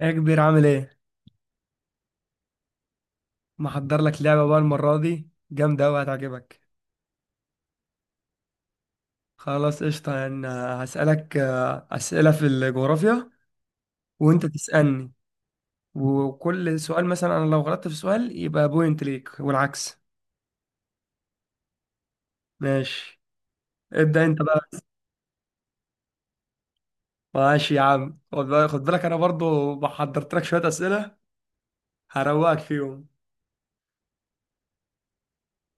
ايه يا كبير عامل ايه؟ محضر لك لعبة بقى المرة دي جامدة أوي هتعجبك. خلاص قشطة. يعني هسألك أسئلة في الجغرافيا وأنت تسألني، وكل سؤال مثلا أنا لو غلطت في سؤال يبقى بوينت ليك والعكس. ماشي، ابدأ أنت بقى. ماشي يا عم، خد بالك أنا برضو محضرت لك شوية أسئلة هروقك فيهم.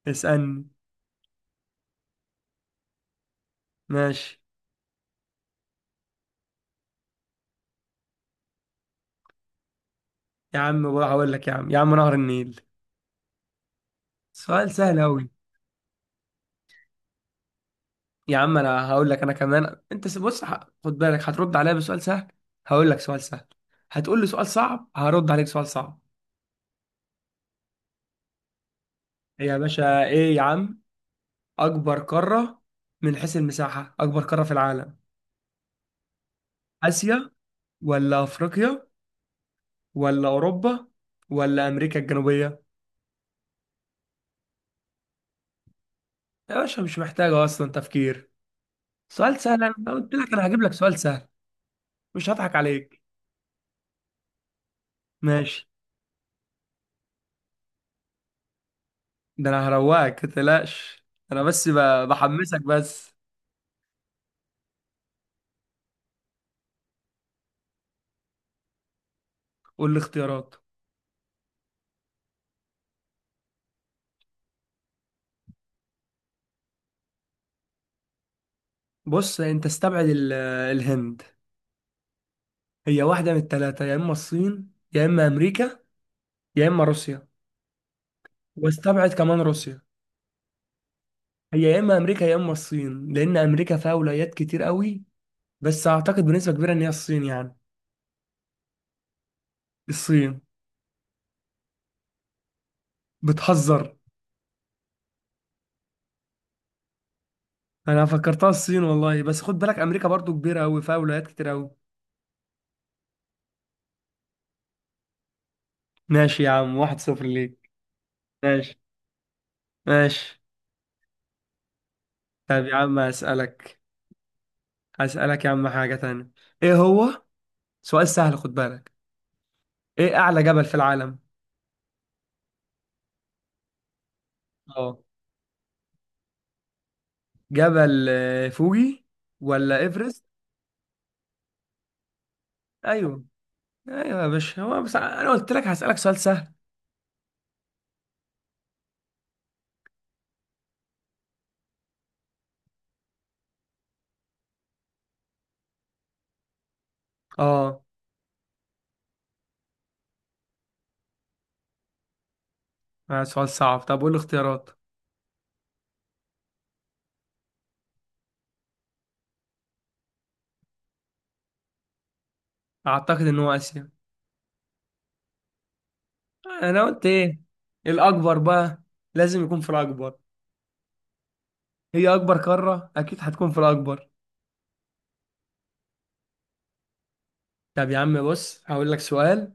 اسألني. ماشي يا عم، بقى هقول لك، يا عم نهر النيل. سؤال سهل أوي. يا عم انا هقول لك انا كمان، خد بالك هترد عليا بسؤال سهل، هقول لك سؤال سهل، هتقول لي سؤال صعب هرد عليك سؤال صعب. يا باشا ايه يا عم، اكبر قارة من حيث المساحة، اكبر قارة في العالم؟ اسيا، ولا افريقيا، ولا اوروبا، ولا امريكا الجنوبية؟ يا باشا مش محتاجة اصلا تفكير، سؤال سهل، انا قلت لك انا هجيب لك سؤال سهل، مش هضحك عليك. ماشي. ده انا هروقك متقلقش، انا بس بحمسك بس. قول لي اختيارات. بص انت استبعد الهند. هي واحدة من التلاتة، يا اما الصين يا اما امريكا يا اما روسيا. واستبعد كمان روسيا. هي يا اما امريكا يا اما الصين، لان امريكا فيها ولايات كتير قوي، بس اعتقد بنسبة كبيرة ان هي الصين يعني. الصين. بتهزر؟ انا فكرتها الصين والله، بس خد بالك امريكا برضو كبيرة قوي فيها ولايات كتير قوي. ماشي يا عم، واحد صفر ليك. ماشي، ماشي. طب يا عم اسألك، اسألك يا عم حاجة تانية. ايه هو؟ سؤال سهل خد بالك. ايه اعلى جبل في العالم؟ اه، جبل فوجي، ولا ايفرست؟ ايوه، ايوه يا باشا، هو بس انا قلت لك هسألك سؤال سهل. اه. سؤال صعب. طب قول الاختيارات. اعتقد ان هو اسيا. انا قلت ايه؟ الاكبر بقى، لازم يكون في الاكبر، هي اكبر قارة اكيد هتكون في الاكبر. طب يا عم بص هقول لك سؤال،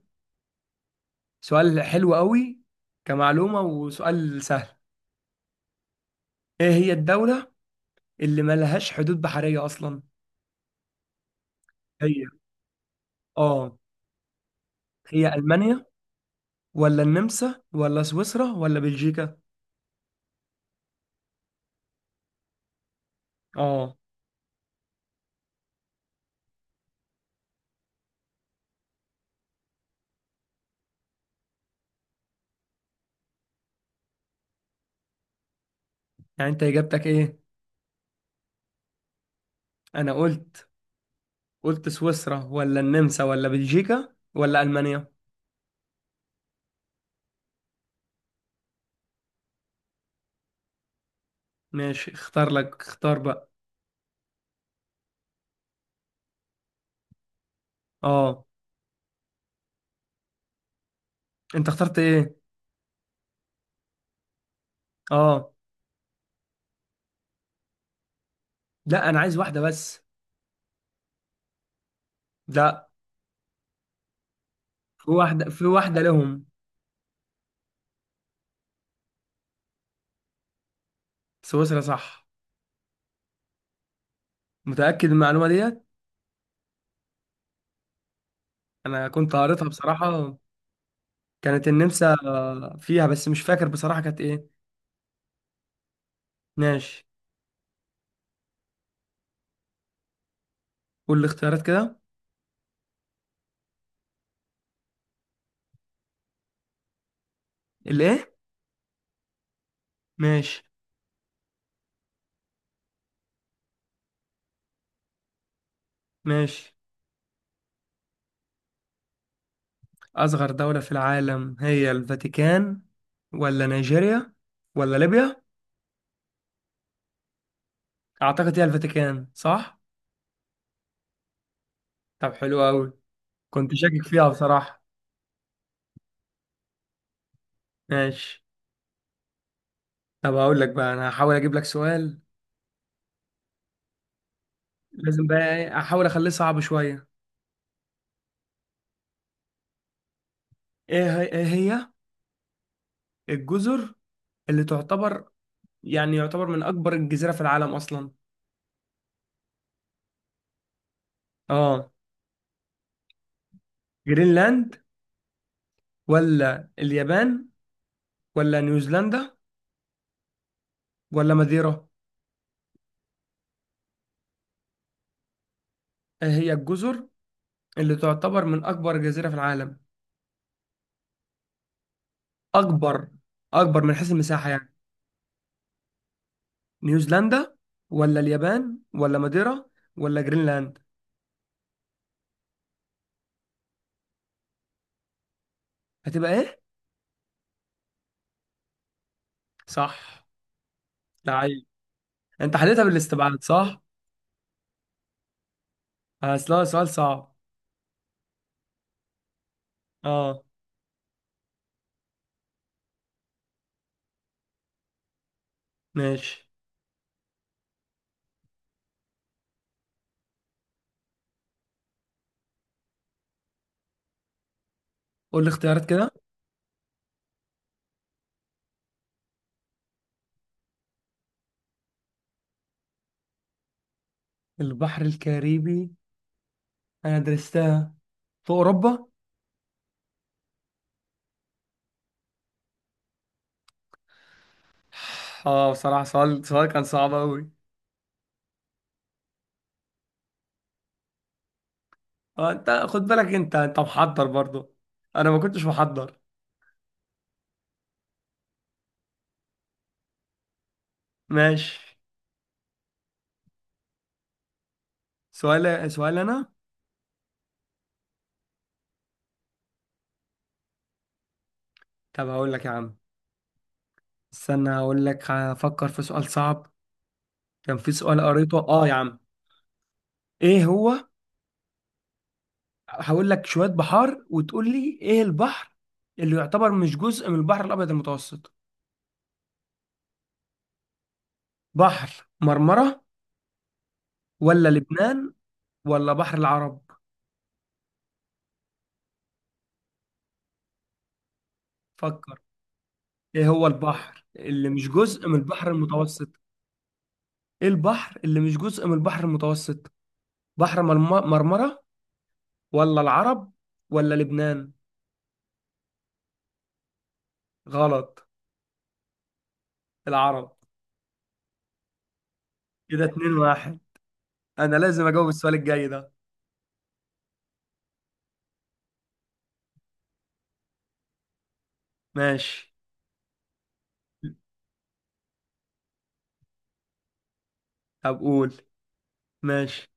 سؤال حلو قوي، كمعلومة وسؤال سهل. ايه هي الدولة اللي ملهاش حدود بحرية اصلا؟ هي، اه، هي المانيا، ولا النمسا، ولا سويسرا، ولا بلجيكا؟ اه. يعني انت اجابتك ايه؟ انا قلت، قلت سويسرا ولا النمسا ولا بلجيكا ولا المانيا. ماشي اختار لك، اختار بقى. اه. انت اخترت ايه؟ اه. لا، انا عايز واحدة بس. لا، في واحدة، في واحدة لهم. سويسرا صح. متأكد من المعلومة ديت؟ انا كنت قريتها بصراحة. كانت النمسا فيها، بس مش فاكر بصراحة كانت ايه. ماشي، قول الاختيارات كده. الايه؟ ماشي، ماشي. أصغر دولة في العالم هي الفاتيكان، ولا نيجيريا، ولا ليبيا؟ أعتقد هي الفاتيكان، صح؟ طب حلو أوي، كنت شاكك فيها بصراحة. ماشي. طب هقول لك بقى أنا هحاول أجيب لك سؤال. لازم بقى أحاول أخليه صعب شوية. إيه هي الجزر اللي تعتبر، يعني يعتبر من أكبر الجزيرة في العالم أصلا؟ آه، جرينلاند، ولا اليابان، ولا نيوزيلندا، ولا ماديرا؟ إيه هي الجزر اللي تعتبر من أكبر جزيرة في العالم؟ اكبر، اكبر من حيث المساحه يعني. نيوزيلندا، ولا اليابان، ولا ماديرا، ولا جرينلاند؟ هتبقى ايه؟ صح. لعيب، انت حليتها بالاستبعاد صح. اصل هو سؤال صعب. اه. ماشي، قول لي اختيارات كده. البحر الكاريبي انا درستها في اوروبا. اه بصراحه، سؤال كان صعب قوي. اه انت خد بالك، انت محضر برضه، انا ما كنتش محضر. ماشي. سؤال انا. طب هقول لك يا عم، استنى هقول لك، هفكر في سؤال صعب. كان في سؤال قريته، اه يا عم. ايه هو؟ هقول لك شوية بحار وتقول لي ايه البحر اللي يعتبر مش جزء من البحر الابيض المتوسط. بحر مرمرة، ولا لبنان، ولا بحر العرب؟ فكر. ايه هو البحر اللي مش جزء من البحر المتوسط؟ ايه البحر اللي مش جزء من البحر المتوسط؟ بحر مرمرة، ولا العرب، ولا لبنان؟ غلط. العرب. كده اتنين واحد، انا لازم اجاوب السؤال الجاي ده. ماشي. طب قول. ماشي.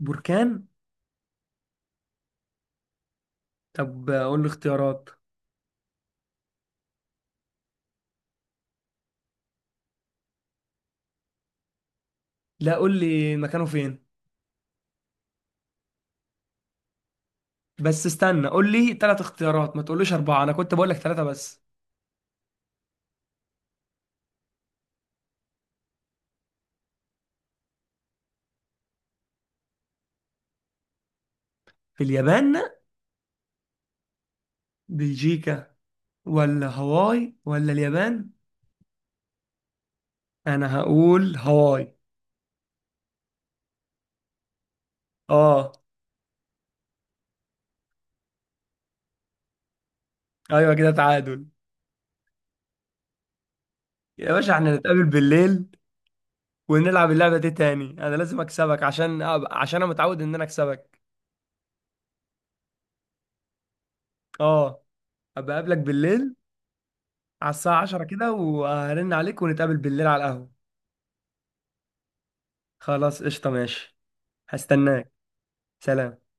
بركان. طب قول لي اختيارات. لا، قول لي مكانه فين. بس استنى، قول لي ثلاث اختيارات ما تقوليش أربعة، أنا كنت بقول لك ثلاثة بس. في اليابان. بلجيكا ولا هواي ولا اليابان؟ أنا هقول هواي. آه. أيوة كده تعادل. يا باشا احنا نتقابل بالليل ونلعب اللعبة دي تاني، أنا لازم أكسبك عشان، عشان أنا متعود إن أنا أكسبك. آه. أبقى أقابلك بالليل على الساعة 10 كده وهرن عليك، ونتقابل بالليل على القهوة. خلاص قشطة، ماشي. هستناك. سلام.